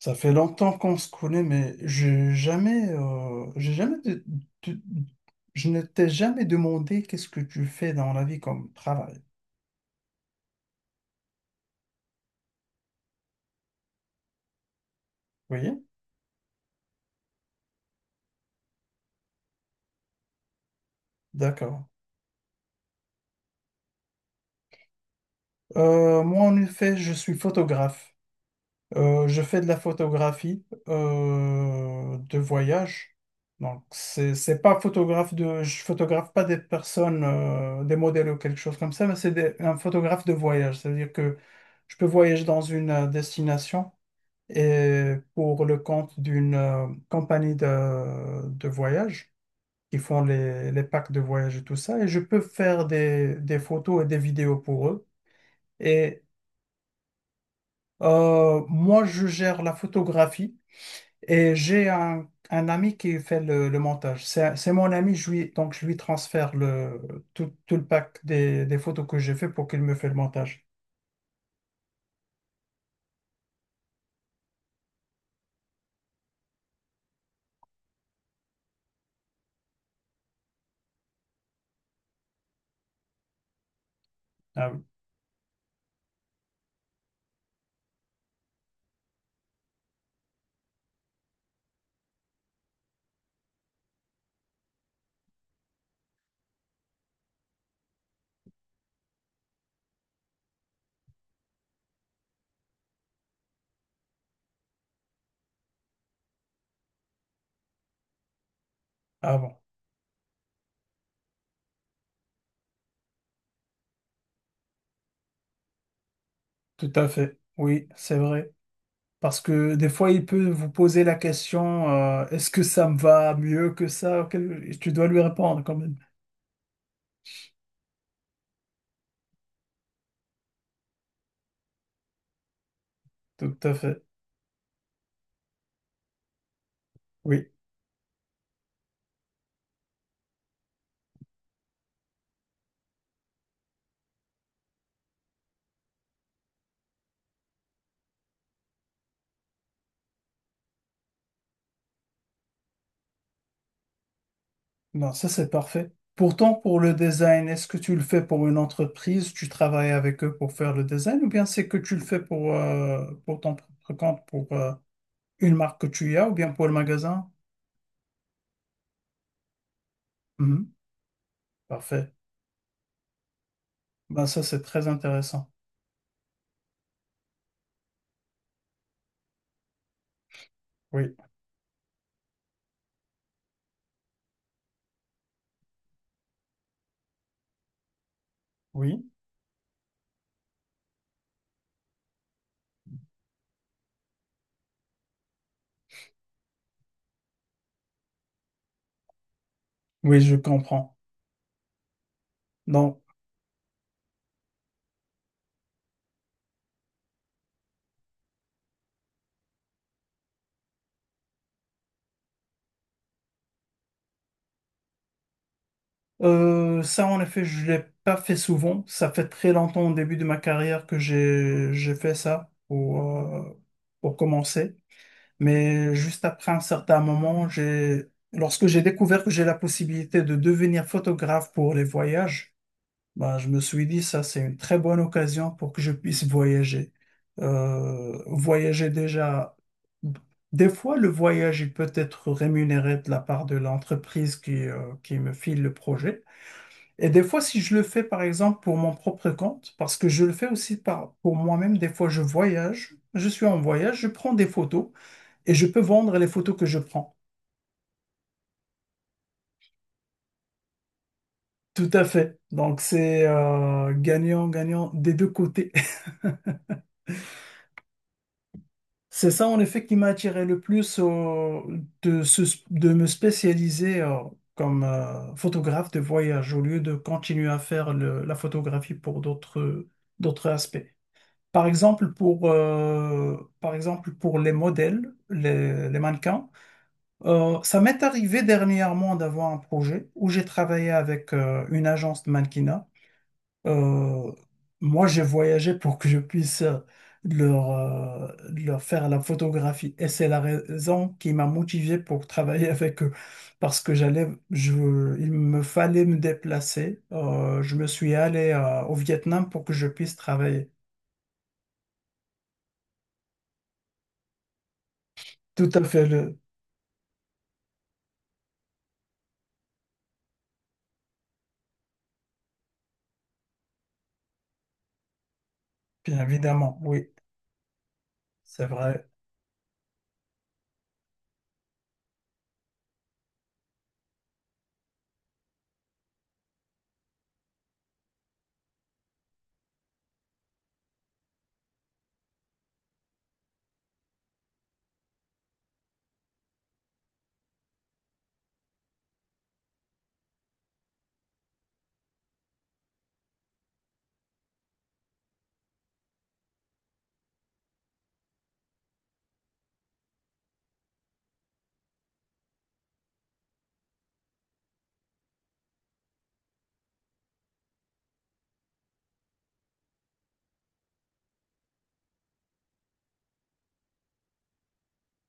Ça fait longtemps qu'on se connaît, mais j'ai jamais, de- je ne t'ai jamais demandé qu'est-ce que tu fais dans la vie comme travail. Oui, d'accord. Moi, en effet, je suis photographe. Je fais de la photographie de voyage. Donc, c'est pas photographe de, je photographe pas des personnes, des modèles ou quelque chose comme ça, mais un photographe de voyage. C'est-à-dire que je peux voyager dans une destination, et pour le compte d'une compagnie de voyage qui font les packs de voyage et tout ça. Et je peux faire des photos et des vidéos pour eux. Et moi, je gère la photographie et j'ai un ami qui fait le montage. C'est mon ami, donc je lui transfère tout le pack des photos que j'ai fait pour qu'il me fait le montage. Ah oui. Ah bon. Tout à fait, oui, c'est vrai. Parce que des fois, il peut vous poser la question, est-ce que ça me va mieux que ça? Tu dois lui répondre quand même. Tout à fait, oui. Non, ça c'est parfait. Pourtant, pour le design, est-ce que tu le fais pour une entreprise? Tu travailles avec eux pour faire le design? Ou bien c'est que tu le fais pour ton propre compte, pour une marque que tu y as, ou bien pour le magasin? Mhm. Parfait. Ben, ça c'est très intéressant. Oui, oui, oui, je comprends. Donc, ça, en effet, je l'ai pas fait souvent. Ça fait très longtemps au début de ma carrière que j'ai fait ça pour commencer. Mais juste après un certain moment, j'ai lorsque j'ai découvert que j'ai la possibilité de devenir photographe pour les voyages, bah, je me suis dit ça, c'est une très bonne occasion pour que je puisse voyager. Voyager déjà. Des fois, le voyage, il peut être rémunéré de la part de l'entreprise qui me file le projet. Et des fois, si je le fais, par exemple, pour mon propre compte, parce que je le fais aussi pour moi-même, des fois, je voyage, je suis en voyage, je prends des photos et je peux vendre les photos que je prends. Tout à fait. Donc, c'est gagnant, gagnant des deux côtés. C'est ça, en effet, qui m'a attiré le plus de me spécialiser comme photographe de voyage au lieu de continuer à faire la photographie pour d'autres, d'autres aspects. Par exemple, pour les modèles, les mannequins, ça m'est arrivé dernièrement d'avoir un projet où j'ai travaillé avec une agence de mannequinat. Euh, Moi, j'ai voyagé pour que je puisse leur faire la photographie et c'est la raison qui m'a motivé pour travailler avec eux parce que il me fallait me déplacer. Je me suis allé au Vietnam pour que je puisse travailler. Tout à fait. Bien évidemment, oui, c'est vrai.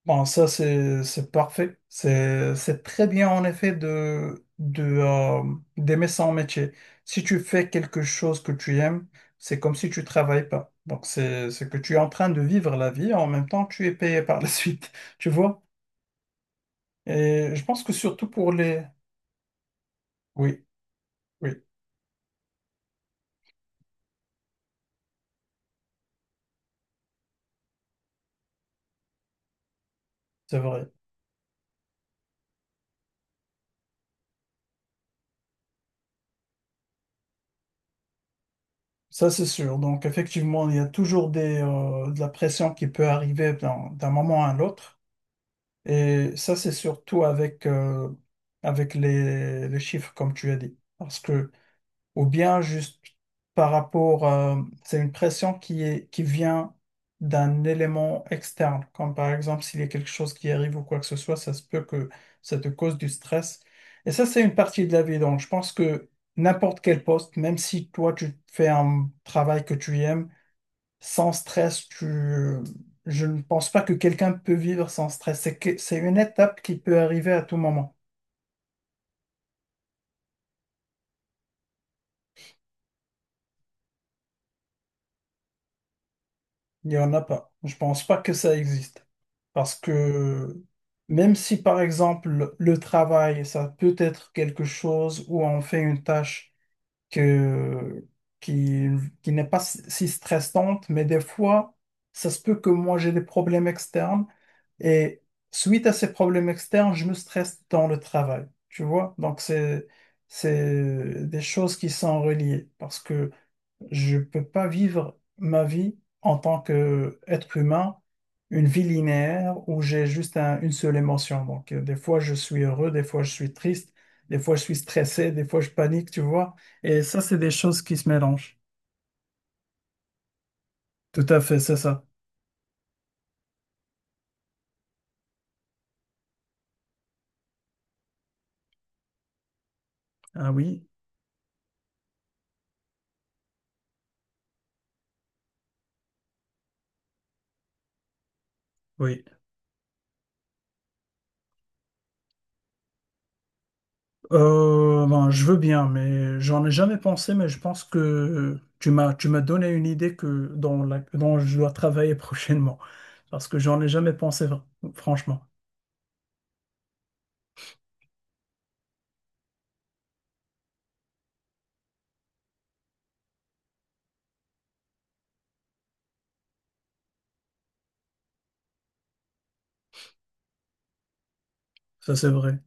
Bon, ça, c'est parfait. C'est très bien, en effet, d'aimer son métier. Si tu fais quelque chose que tu aimes, c'est comme si tu travailles pas. Donc, c'est que tu es en train de vivre la vie, en même temps, tu es payé par la suite, tu vois? Et je pense que surtout pour les… Oui, oui, c'est vrai. Ça, c'est sûr. Donc, effectivement, il y a toujours des, de la pression qui peut arriver d'un moment à l'autre. Et ça, c'est surtout avec, avec les chiffres, comme tu as dit. Parce que, ou bien juste par rapport, c'est une pression qui vient d'un élément externe. Comme par exemple, s'il y a quelque chose qui arrive ou quoi que ce soit, ça se peut que ça te cause du stress. Et ça, c'est une partie de la vie. Donc, je pense que n'importe quel poste, même si toi, tu fais un travail que tu aimes, sans stress, tu… je ne pense pas que quelqu'un peut vivre sans stress. C'est une étape qui peut arriver à tout moment. Il n'y en a pas. Je pense pas que ça existe. Parce que même si, par exemple, le travail, ça peut être quelque chose où on fait une tâche. que, qui, qui n'est pas si stressante, mais des fois, ça se peut que moi j'ai des problèmes externes et suite à ces problèmes externes, je me stresse dans le travail, tu vois? Donc, c'est des choses qui sont reliées parce que je ne peux pas vivre ma vie en tant qu'être humain, une vie linéaire où j'ai juste une seule émotion. Donc, des fois, je suis heureux, des fois, je suis triste, des fois, je suis stressé, des fois, je panique, tu vois. Et ça, c'est des choses qui se mélangent. Tout à fait, c'est ça. Ah oui, oui. Ben, je veux bien, mais j'en ai jamais pensé, mais je pense que tu m'as donné une idée que dont, dont je dois travailler prochainement. Parce que j'en ai jamais pensé, franchement. Ça, c'est vrai.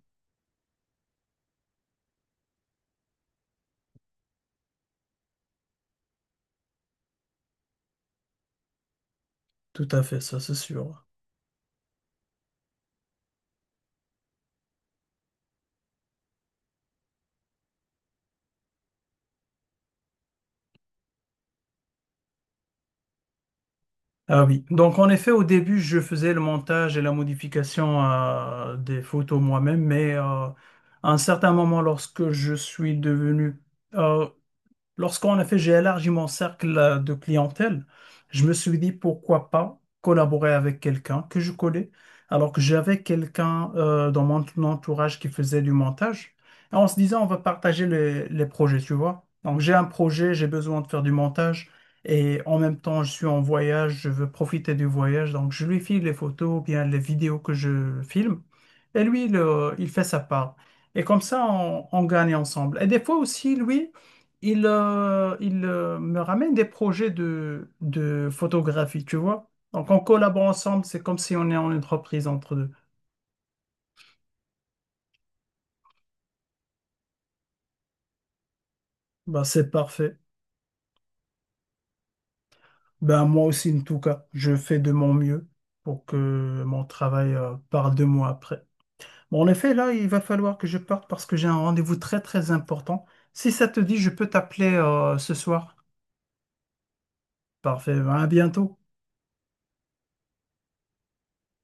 Tout à fait, ça, c'est sûr. Ah oui. Donc, en effet, au début, je faisais le montage et la modification des photos moi-même, mais à un certain moment, lorsque je suis devenu… euh, lorsqu'on a fait, j'ai élargi mon cercle de clientèle. Je me suis dit pourquoi pas collaborer avec quelqu'un que je connais, alors que j'avais quelqu'un dans mon entourage qui faisait du montage. Et on se disait, on va partager les projets, tu vois. Donc j'ai un projet, j'ai besoin de faire du montage et en même temps, je suis en voyage, je veux profiter du voyage. Donc je lui file les photos ou bien les vidéos que je filme et lui, il fait sa part. Et comme ça, on gagne ensemble. Et des fois aussi, lui, il me ramène des projets de photographie, tu vois. Donc, on collabore ensemble, c'est comme si on est en entreprise entre deux. Bah, c'est parfait. Ben, moi aussi, en tout cas, je fais de mon mieux pour que mon travail parle de moi après. Bon, en effet, là, il va falloir que je parte parce que j'ai un rendez-vous très, très important. Si ça te dit, je peux t'appeler ce soir. Parfait, ben, à bientôt.